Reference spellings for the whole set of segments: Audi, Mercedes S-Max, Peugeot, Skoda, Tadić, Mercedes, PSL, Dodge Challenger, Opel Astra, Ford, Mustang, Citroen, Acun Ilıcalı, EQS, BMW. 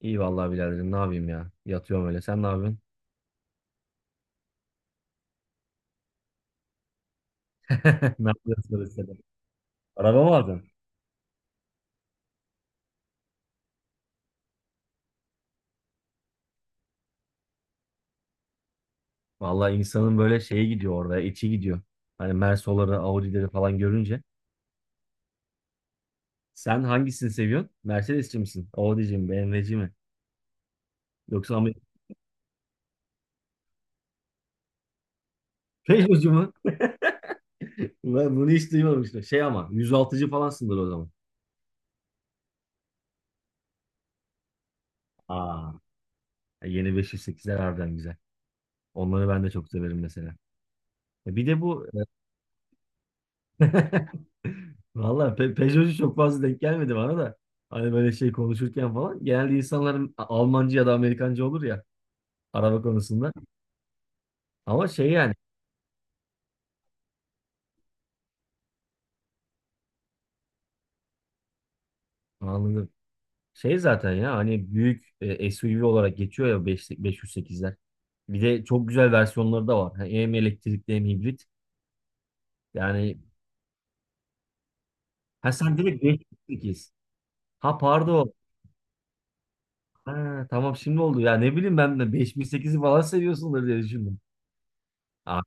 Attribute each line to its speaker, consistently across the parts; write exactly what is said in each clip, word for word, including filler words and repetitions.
Speaker 1: İyi vallahi biraderim, ne yapayım ya. Yatıyorum öyle. Sen ne yapıyorsun? Ne yapıyorsun öyle sen? Araba mı aldın? Vallahi insanın böyle şeye gidiyor orada, içi gidiyor. Hani Mersoları, Audi'leri falan görünce. Sen hangisini seviyorsun? Mercedes'ci misin? Audi'ci mi? B M W'ci mi? Yoksa Amerika? Peugeot'cu mu? Ben bunu hiç duymamıştım. Şey, ama yüz altıcı falansındır o zaman. Aa, yeni beş yüz sekizler harbiden güzel. Onları ben de çok severim mesela. E Bir de bu. Valla, Pe Peugeot'cu çok fazla denk gelmedi bana da. Hani böyle şey konuşurken falan. Genelde insanların A- Almancı ya da Amerikancı olur ya, araba konusunda. Ama şey, yani anladım. Şey zaten ya hani büyük e, S U V olarak geçiyor ya, beş beş yüz sekizler. Bir de çok güzel versiyonları da var. Ha, hem elektrikli hem hibrit. Yani ha, sen direkt beş yüz sekiz. Ha, pardon. Ha, tamam şimdi oldu ya, ne bileyim, ben de beş bin sekizi falan seviyorsundur diye düşündüm. Ha,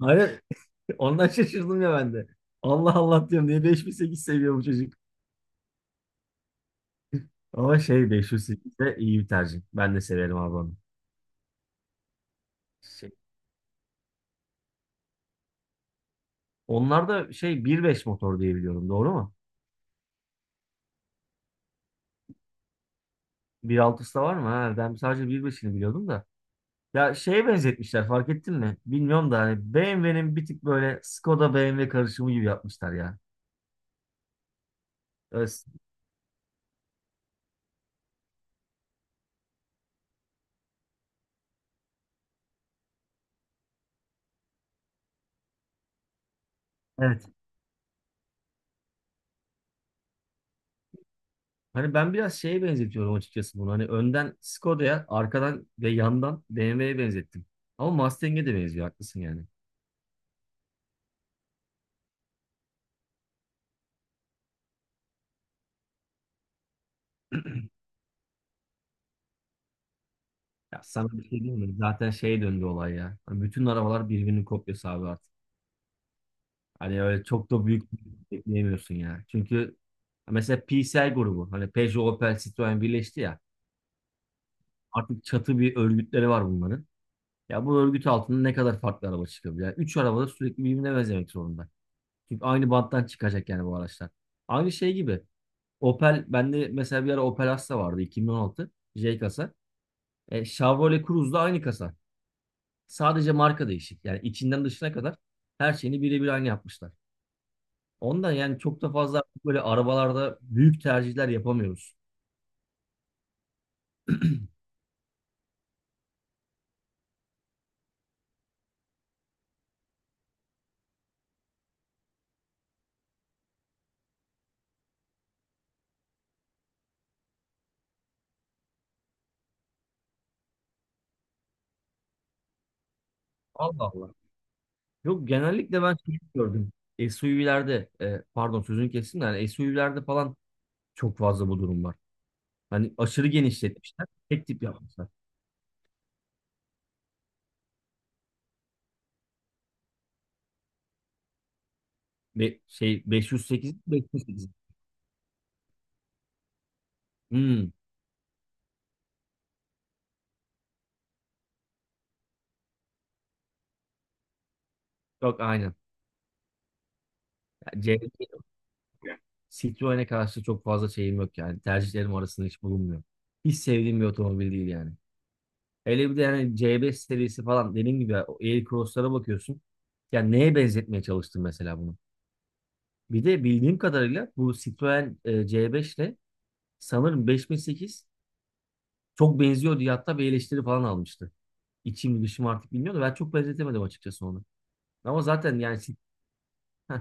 Speaker 1: hayır, ondan şaşırdım ya ben de. Allah Allah diyorum, niye beş bin sekiz seviyor bu çocuk. Ama şey, beş yüz sekiz de iyi bir tercih. Ben de severim abi onu. Şey, onlar da şey bir nokta beş motor diye biliyorum, doğru mu? bir virgül altısı da var mı? Ha, ben sadece bir nokta beşini biliyordum da. Ya şeye benzetmişler, fark ettin mi? Bilmiyorum da hani B M W'nin bir tık böyle Skoda B M W karışımı gibi yapmışlar ya. Evet. Evet. Hani ben biraz şeye benzetiyorum açıkçası bunu. Hani önden Skoda'ya, arkadan ve yandan B M W'ye benzettim. Ama Mustang'e de benziyor, haklısın yani. Ya sana bir şey diyeyim mi? Zaten şey döndü olay ya. Hani bütün arabalar birbirinin kopyası abi artık. Hani öyle çok da büyük bir şey bekleyemiyorsun ya. Çünkü mesela P S L grubu, hani Peugeot, Opel, Citroen birleşti ya. Artık çatı bir örgütleri var bunların. Ya bu örgüt altında ne kadar farklı araba çıkabilir? Yani üç araba da sürekli birbirine benzemek zorunda. Çünkü aynı banttan çıkacak yani bu araçlar. Aynı şey gibi. Opel, bende mesela bir ara Opel Astra vardı, iki bin on altı. J kasa. E, Chevrolet Cruze'da aynı kasa. Sadece marka değişik. Yani içinden dışına kadar her şeyini birebir aynı yapmışlar. Ondan yani çok da fazla artık böyle arabalarda büyük tercihler yapamıyoruz. Allah Allah. Yok, genellikle ben şey gördüm. S U V'lerde e, pardon, sözünü kestim de, yani S U V'lerde falan çok fazla bu durum var. Hani aşırı genişletmişler. Tek tip yapmışlar. Ve şey beş yüz sekiz beş yüz sekiz. Hmm, yok aynen. Yani C R T Citroen'e karşı çok fazla şeyim yok yani. Tercihlerim arasında hiç bulunmuyor. Hiç sevdiğim bir otomobil değil yani. Hele bir de yani C B serisi falan, dediğim gibi ya, o Air Cross'lara bakıyorsun. Ya neye benzetmeye çalıştın mesela bunu? Bir de bildiğim kadarıyla bu Citroen e, C beş ile sanırım beş bin sekiz çok benziyor diye hatta bir eleştiri falan almıştı. İçim dışım artık bilmiyorum da, ben çok benzetemedim açıkçası onu. Ama zaten yani Cit- heh,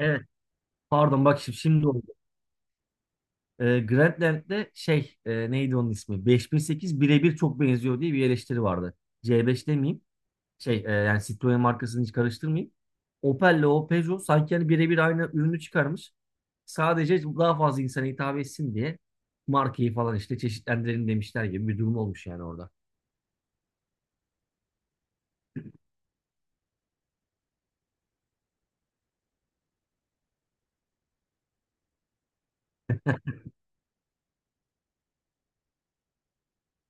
Speaker 1: evet, pardon, bak şimdi, şimdi oldu. E, Grandland'de şey, e, neydi onun ismi? beş bin sekiz birebir çok benziyor diye bir eleştiri vardı. C beş demeyeyim, şey e, yani Citroen markasını hiç karıştırmayayım. Opel'le o Peugeot sanki hani birebir aynı ürünü çıkarmış. Sadece daha fazla insana hitap etsin diye markayı falan işte çeşitlendirelim demişler gibi bir durum olmuş yani orada.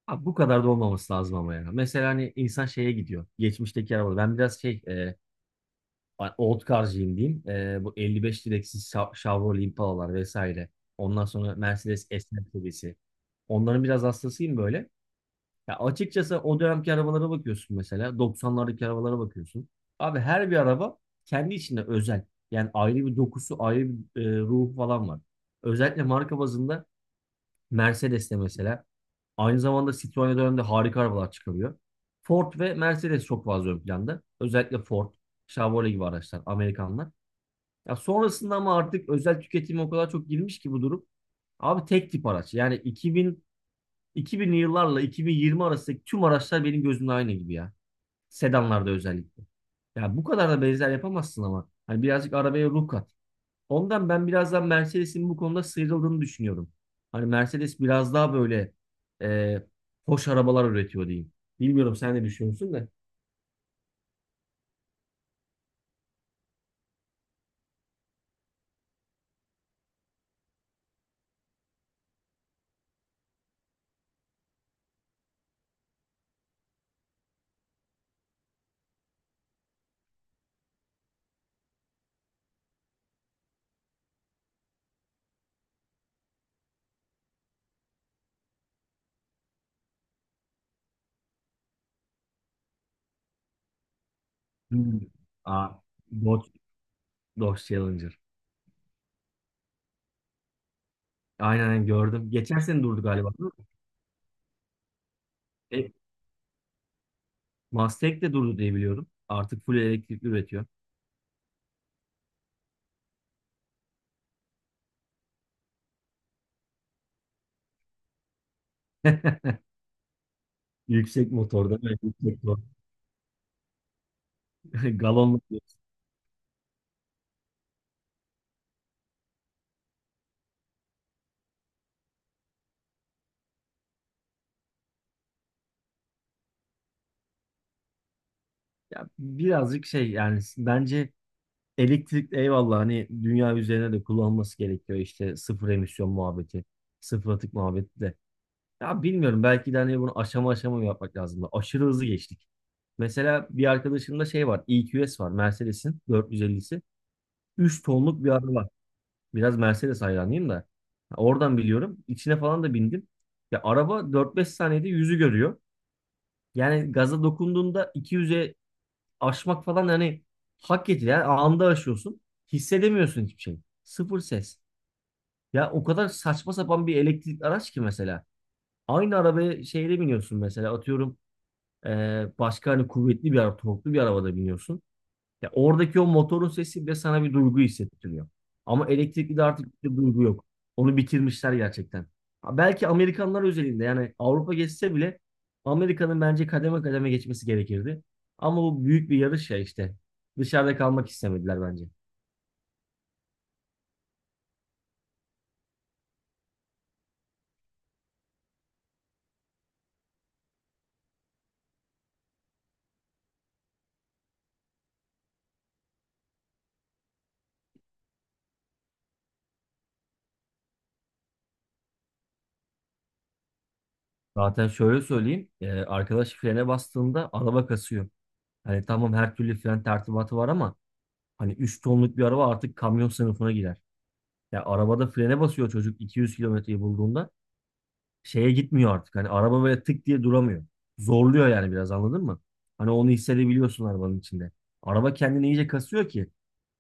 Speaker 1: Abi bu kadar da olmaması lazım ama yani. Mesela hani insan şeye gidiyor. Geçmişteki arabada. Ben biraz şey, e, old car'cıyım diyeyim. E, bu elli beş direksiz Cha- Chevrolet Impala'lar vesaire. Ondan sonra Mercedes S-Max serisi. Onların biraz hastasıyım böyle. Ya açıkçası o dönemki arabalara bakıyorsun mesela. doksanlardaki arabalara bakıyorsun. Abi her bir araba kendi içinde özel. Yani ayrı bir dokusu, ayrı bir e, ruhu falan var. Özellikle marka bazında Mercedes'te mesela. Aynı zamanda Citroen döneminde harika arabalar çıkarıyor. Ford ve Mercedes çok fazla ön planda. Özellikle Ford, Chevrolet gibi araçlar, Amerikanlar. Ya sonrasında, ama artık özel tüketime o kadar çok girmiş ki bu durum. Abi tek tip araç. Yani iki binli yıllarla iki bin yirmi arasındaki tüm araçlar benim gözümde aynı gibi ya. Sedanlarda özellikle. Ya bu kadar da benzer yapamazsın ama. Hani birazcık arabaya ruh kat. Ondan ben biraz daha Mercedes'in bu konuda sıyrıldığını düşünüyorum. Hani Mercedes biraz daha böyle e, hoş arabalar üretiyor diyeyim. Bilmiyorum sen ne düşünüyorsun da. Hmm. Aa, Dodge, Dodge Challenger. Aynen aynen, gördüm. Geçen sene durdu galiba, değil mi? E, Mustang de durdu diye biliyorum. Artık full elektrikli üretiyor. Yüksek motorda. Evet, yüksek Galonla diyorsun. Ya birazcık şey, yani bence elektrik eyvallah, hani dünya üzerine de kullanılması gerekiyor işte, sıfır emisyon muhabbeti, sıfır atık muhabbeti de. Ya bilmiyorum, belki de hani bunu aşama aşama yapmak lazım da. Aşırı hızlı geçtik. Mesela bir arkadaşımda şey var, E Q S var, Mercedes'in dört yüz ellisi. Üç tonluk bir araba var. Biraz Mercedes hayranıyım da. Oradan biliyorum. İçine falan da bindim. Ya araba dört beş saniyede yüzü görüyor. Yani gaza dokunduğunda iki yüze aşmak falan, yani hak getire. Yani anında aşıyorsun. Hissedemiyorsun hiçbir şey. Sıfır ses. Ya o kadar saçma sapan bir elektrikli araç ki mesela. Aynı arabaya şeyde biniyorsun mesela, atıyorum eee, başka hani kuvvetli bir araba, torklu bir arabada biniyorsun. Ya oradaki o motorun sesi bile sana bir duygu hissettiriyor. Ama elektrikli de artık bir duygu yok. Onu bitirmişler gerçekten. Ha, belki Amerikanlar özelinde, yani Avrupa geçse bile Amerika'nın bence kademe kademe geçmesi gerekirdi. Ama bu büyük bir yarış ya işte. Dışarıda kalmak istemediler bence. Zaten şöyle söyleyeyim. E, arkadaş frene bastığında araba kasıyor. Hani tamam, her türlü fren tertibatı var ama hani üç tonluk bir araba artık kamyon sınıfına girer. Ya arabada frene basıyor çocuk iki yüz kilometreyi bulduğunda. Şeye gitmiyor artık. Hani araba böyle tık diye duramıyor. Zorluyor yani biraz, anladın mı? Hani onu hissedebiliyorsun arabanın içinde. Araba kendini iyice kasıyor ki,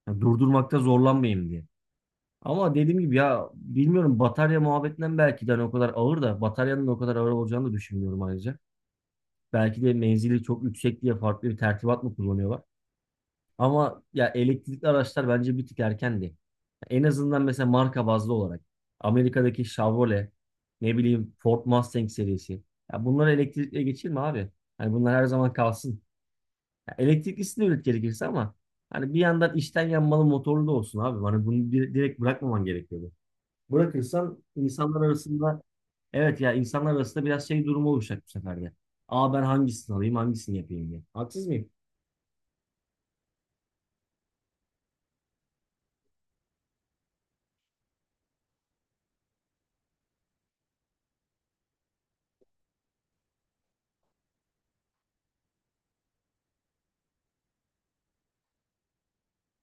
Speaker 1: yani durdurmakta zorlanmayayım diye. Ama dediğim gibi ya, bilmiyorum, batarya muhabbetinden belki de, hani o kadar ağır da, bataryanın o kadar ağır olacağını da düşünmüyorum ayrıca. Belki de menzili çok yüksek diye farklı bir tertibat mı kullanıyorlar? Ama ya, elektrikli araçlar bence bir tık erkendi. En azından mesela marka bazlı olarak Amerika'daki Chevrolet, ne bileyim Ford Mustang serisi. Ya bunları elektrikle geçirme abi. Hani bunlar her zaman kalsın. Ya elektriklisini üret gerekirse ama hani bir yandan içten yanmalı motorlu da olsun abi. Hani bunu di- direkt bırakmaman gerekiyordu. Bırakırsan insanlar arasında, evet ya, insanlar arasında biraz şey durumu oluşacak bu sefer de. Aa, ben hangisini alayım hangisini yapayım diye. Haksız mıyım?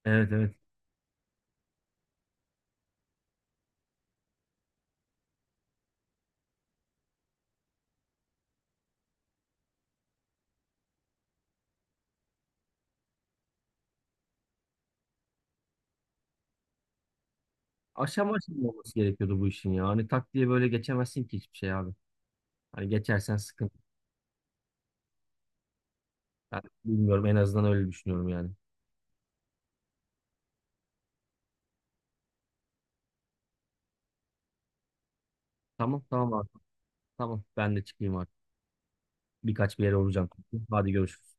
Speaker 1: Evet evet. Aşama aşama olması gerekiyordu bu işin ya. Hani tak diye böyle geçemezsin ki hiçbir şey abi. Hani geçersen sıkıntı. Ben bilmiyorum, en azından öyle düşünüyorum yani. Tamam tamam abi. Tamam, ben de çıkayım artık. Birkaç bir yere olacağım çünkü. Hadi görüşürüz.